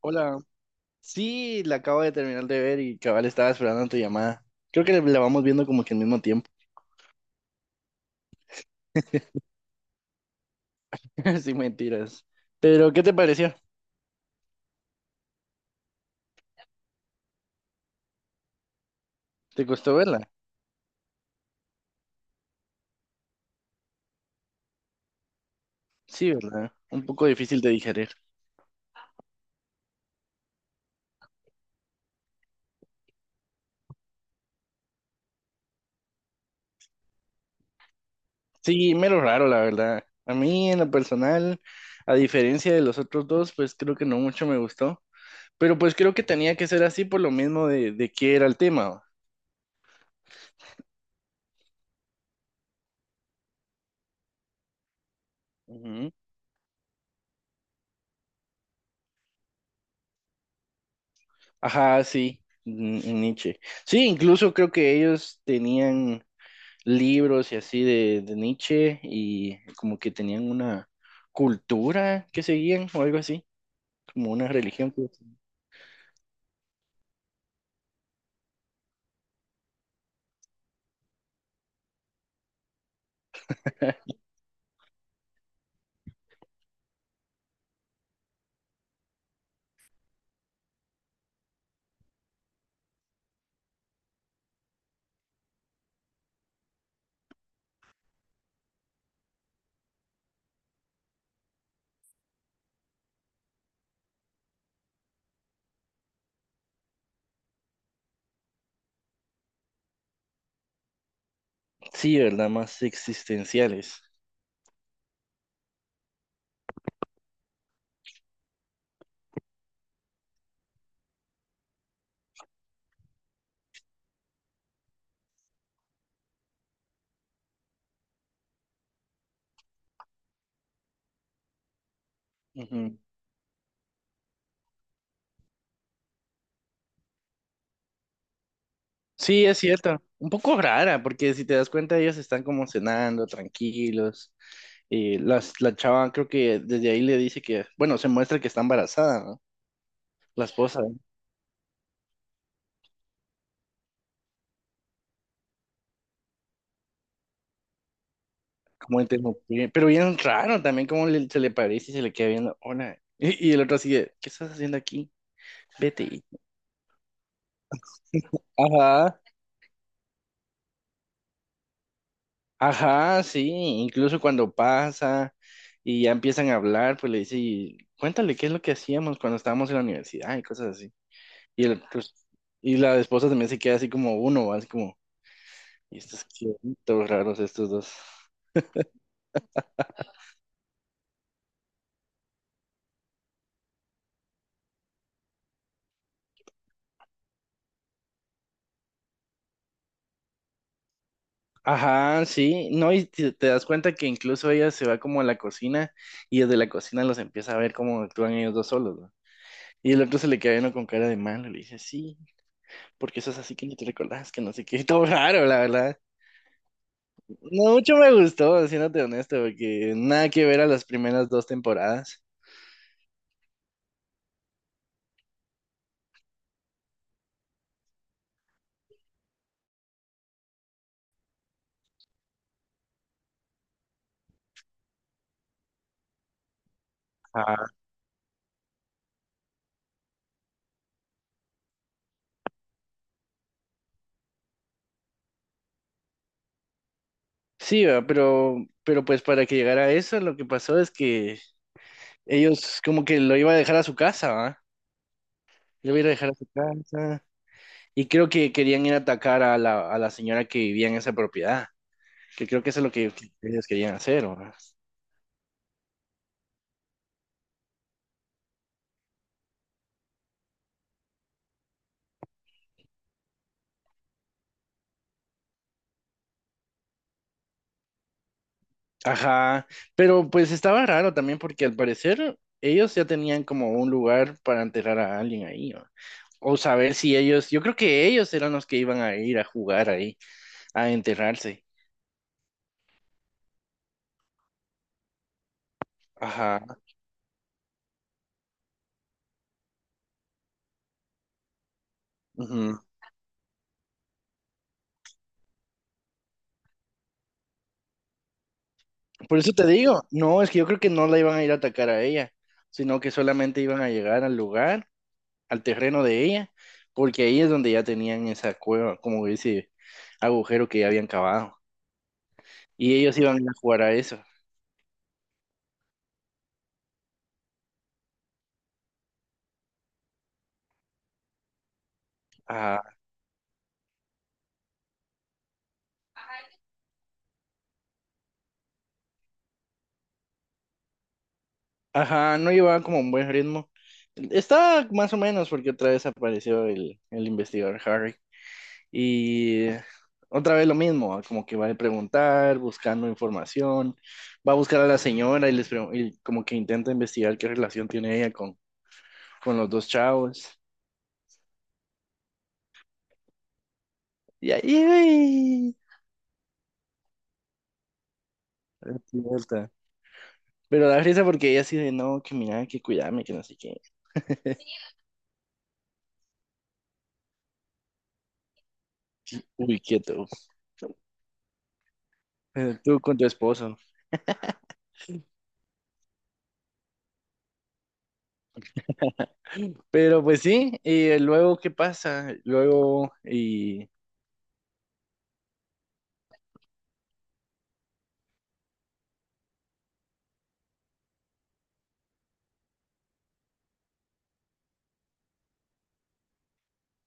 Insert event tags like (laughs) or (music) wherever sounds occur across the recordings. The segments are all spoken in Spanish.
Hola. Sí, la acabo de terminar de ver y cabal estaba esperando tu llamada. Creo que la vamos viendo como que al mismo tiempo. (laughs) sí, mentiras. Pero, ¿qué te pareció? ¿Te costó verla? Sí, ¿verdad? Un poco difícil de digerir. Sí, mero raro, la verdad. A mí, en lo personal, a diferencia de los otros dos, pues creo que no mucho me gustó. Pero pues creo que tenía que ser así por lo mismo de qué era el tema. Ujú. Ajá, sí, Nietzsche. Sí, incluso creo que ellos tenían libros y así de Nietzsche y como que tenían una cultura que seguían o algo así, como una religión, pues. (laughs) Sí, ¿verdad? Más existenciales. Ujú. Sí, es cierto. Un poco rara, porque si te das cuenta, ellos están como cenando, tranquilos. Y la chava creo que desde ahí le dice que, bueno, se muestra que está embarazada, ¿no? La esposa, ¿eh? Como interrumpir. Pero bien raro también, como se le parece y se le queda viendo, hola. Y el otro sigue, ¿qué estás haciendo aquí? Vete. Ajá, ajá, sí, incluso cuando pasa y ya empiezan a hablar, pues le dice, "Y cuéntale qué es lo que hacíamos cuando estábamos en la universidad y cosas así". Y el, pues, y la esposa también se queda así como uno, así como, y estos qué, todos raros estos dos. Ajá, sí, no, y te das cuenta que incluso ella se va como a la cocina y desde la cocina los empieza a ver cómo actúan ellos dos solos, ¿no? Y el otro se le queda uno con cara de malo, le dice, sí, porque eso es así que no te recordás, que no sé qué, (laughs) todo raro, la verdad. No mucho me gustó, siéndote honesto, porque nada que ver a las primeras dos temporadas. Ah, sí, va, pero pues para que llegara a eso, lo que pasó es que ellos como que lo iba a dejar a su casa, ¿va? Lo iba a ir a dejar a su casa. Y creo que querían ir a atacar a a la señora que vivía en esa propiedad, que creo que eso es lo que ellos querían hacer, ¿va? Ajá, pero pues estaba raro también porque al parecer ellos ya tenían como un lugar para enterrar a alguien ahí, ¿va? O saber si ellos, yo creo que ellos eran los que iban a ir a jugar ahí, a enterrarse. Ajá. Ujú. Por eso te digo, no, es que yo creo que no la iban a ir a atacar a ella, sino que solamente iban a llegar al lugar, al terreno de ella, porque ahí es donde ya tenían esa cueva, como ese agujero que ya habían cavado. Y ellos iban a ir a jugar a eso. Ajá. Ajá, no llevaban como un buen ritmo. Está más o menos porque otra vez apareció el investigador Harry. Y otra vez lo mismo, como que va a preguntar, buscando información, va a buscar a la señora y y como que intenta investigar qué relación tiene ella con los dos chavos. Y ahí, idiota. Pero da risa porque ella así de, no, que mira, que cuidarme, que no sé qué. Uy, quieto. Tú con tu esposo. Pero pues sí, y luego, ¿qué pasa? Luego, y...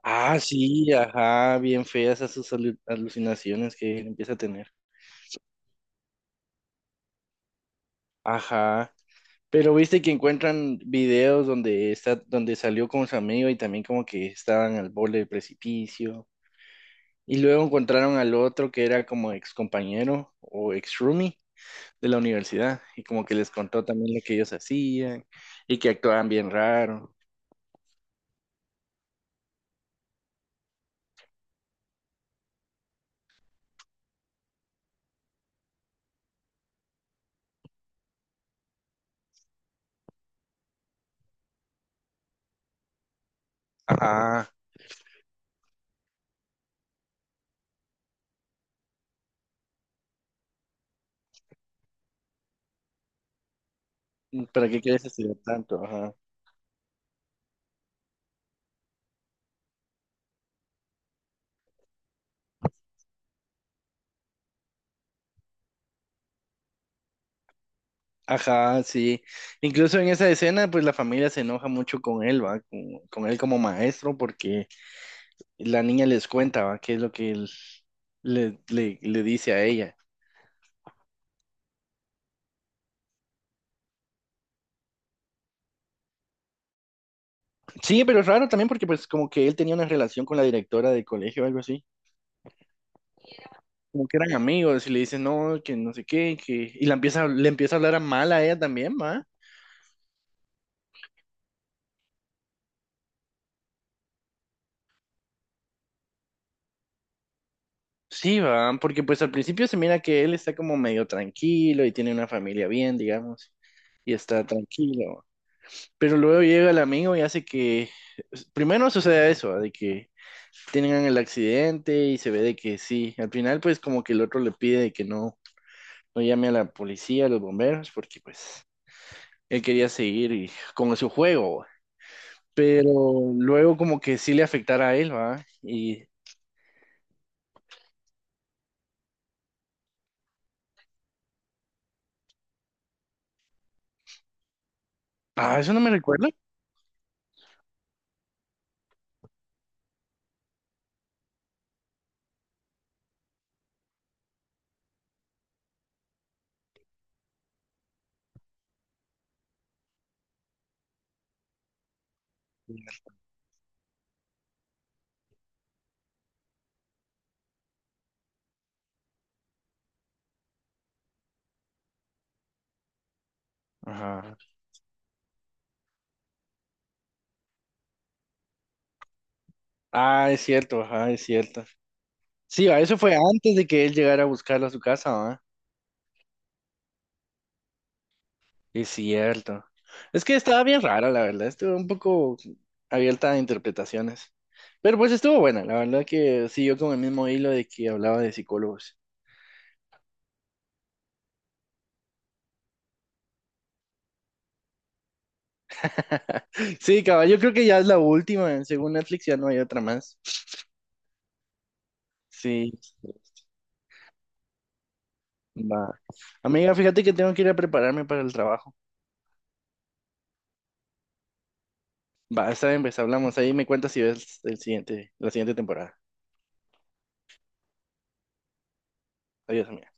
Ah, sí, ajá, bien feas esas alucinaciones que empieza a tener. Ajá. Pero viste que encuentran videos donde está, donde salió con su amigo y también como que estaban al borde del precipicio. Y luego encontraron al otro que era como ex compañero o ex roomie de la universidad. Y como que les contó también lo que ellos hacían y que actuaban bien raro. Ajá. ¿Para qué quieres estudiar tanto? Ajá. Ajá, sí. Incluso en esa escena, pues la familia se enoja mucho con él, ¿va? Con él como maestro, porque la niña les cuenta, ¿va? ¿Qué es lo que él le dice a ella? Sí, pero es raro también porque pues como que él tenía una relación con la directora del colegio o algo así. Como que eran amigos y le dice, no, que no sé qué, que... Y la empieza, le empieza a hablar a mal a ella también, ¿va? Sí, va, porque pues al principio se mira que él está como medio tranquilo y tiene una familia bien, digamos, y está tranquilo. Pero luego llega el amigo y hace que, primero sucede eso, ¿va? De que tengan el accidente y se ve de que sí. Al final, pues como que el otro le pide de que no, no llame a la policía, a los bomberos, porque pues él quería seguir con su juego, ¿va? Pero luego como que sí le afectara a él, ¿va? Y, ah, eso no me recuerdo. Ajá. Ah, es cierto, ajá, es cierto. Sí, va, eso fue antes de que él llegara a buscarla a su casa, ¿va? Es cierto. Es que estaba bien rara, la verdad. Estuvo un poco abierta a interpretaciones. Pero pues estuvo buena. La verdad que siguió con el mismo hilo de que hablaba de psicólogos. (laughs) Sí, caballo, yo creo que ya es la última, ¿eh? Según Netflix ya no hay otra más. Sí. Va. Amiga, fíjate que tengo que ir a prepararme para el trabajo. Va, está bien, pues hablamos ahí. Me cuentas si ves el siguiente, la siguiente temporada. Adiós, amiga.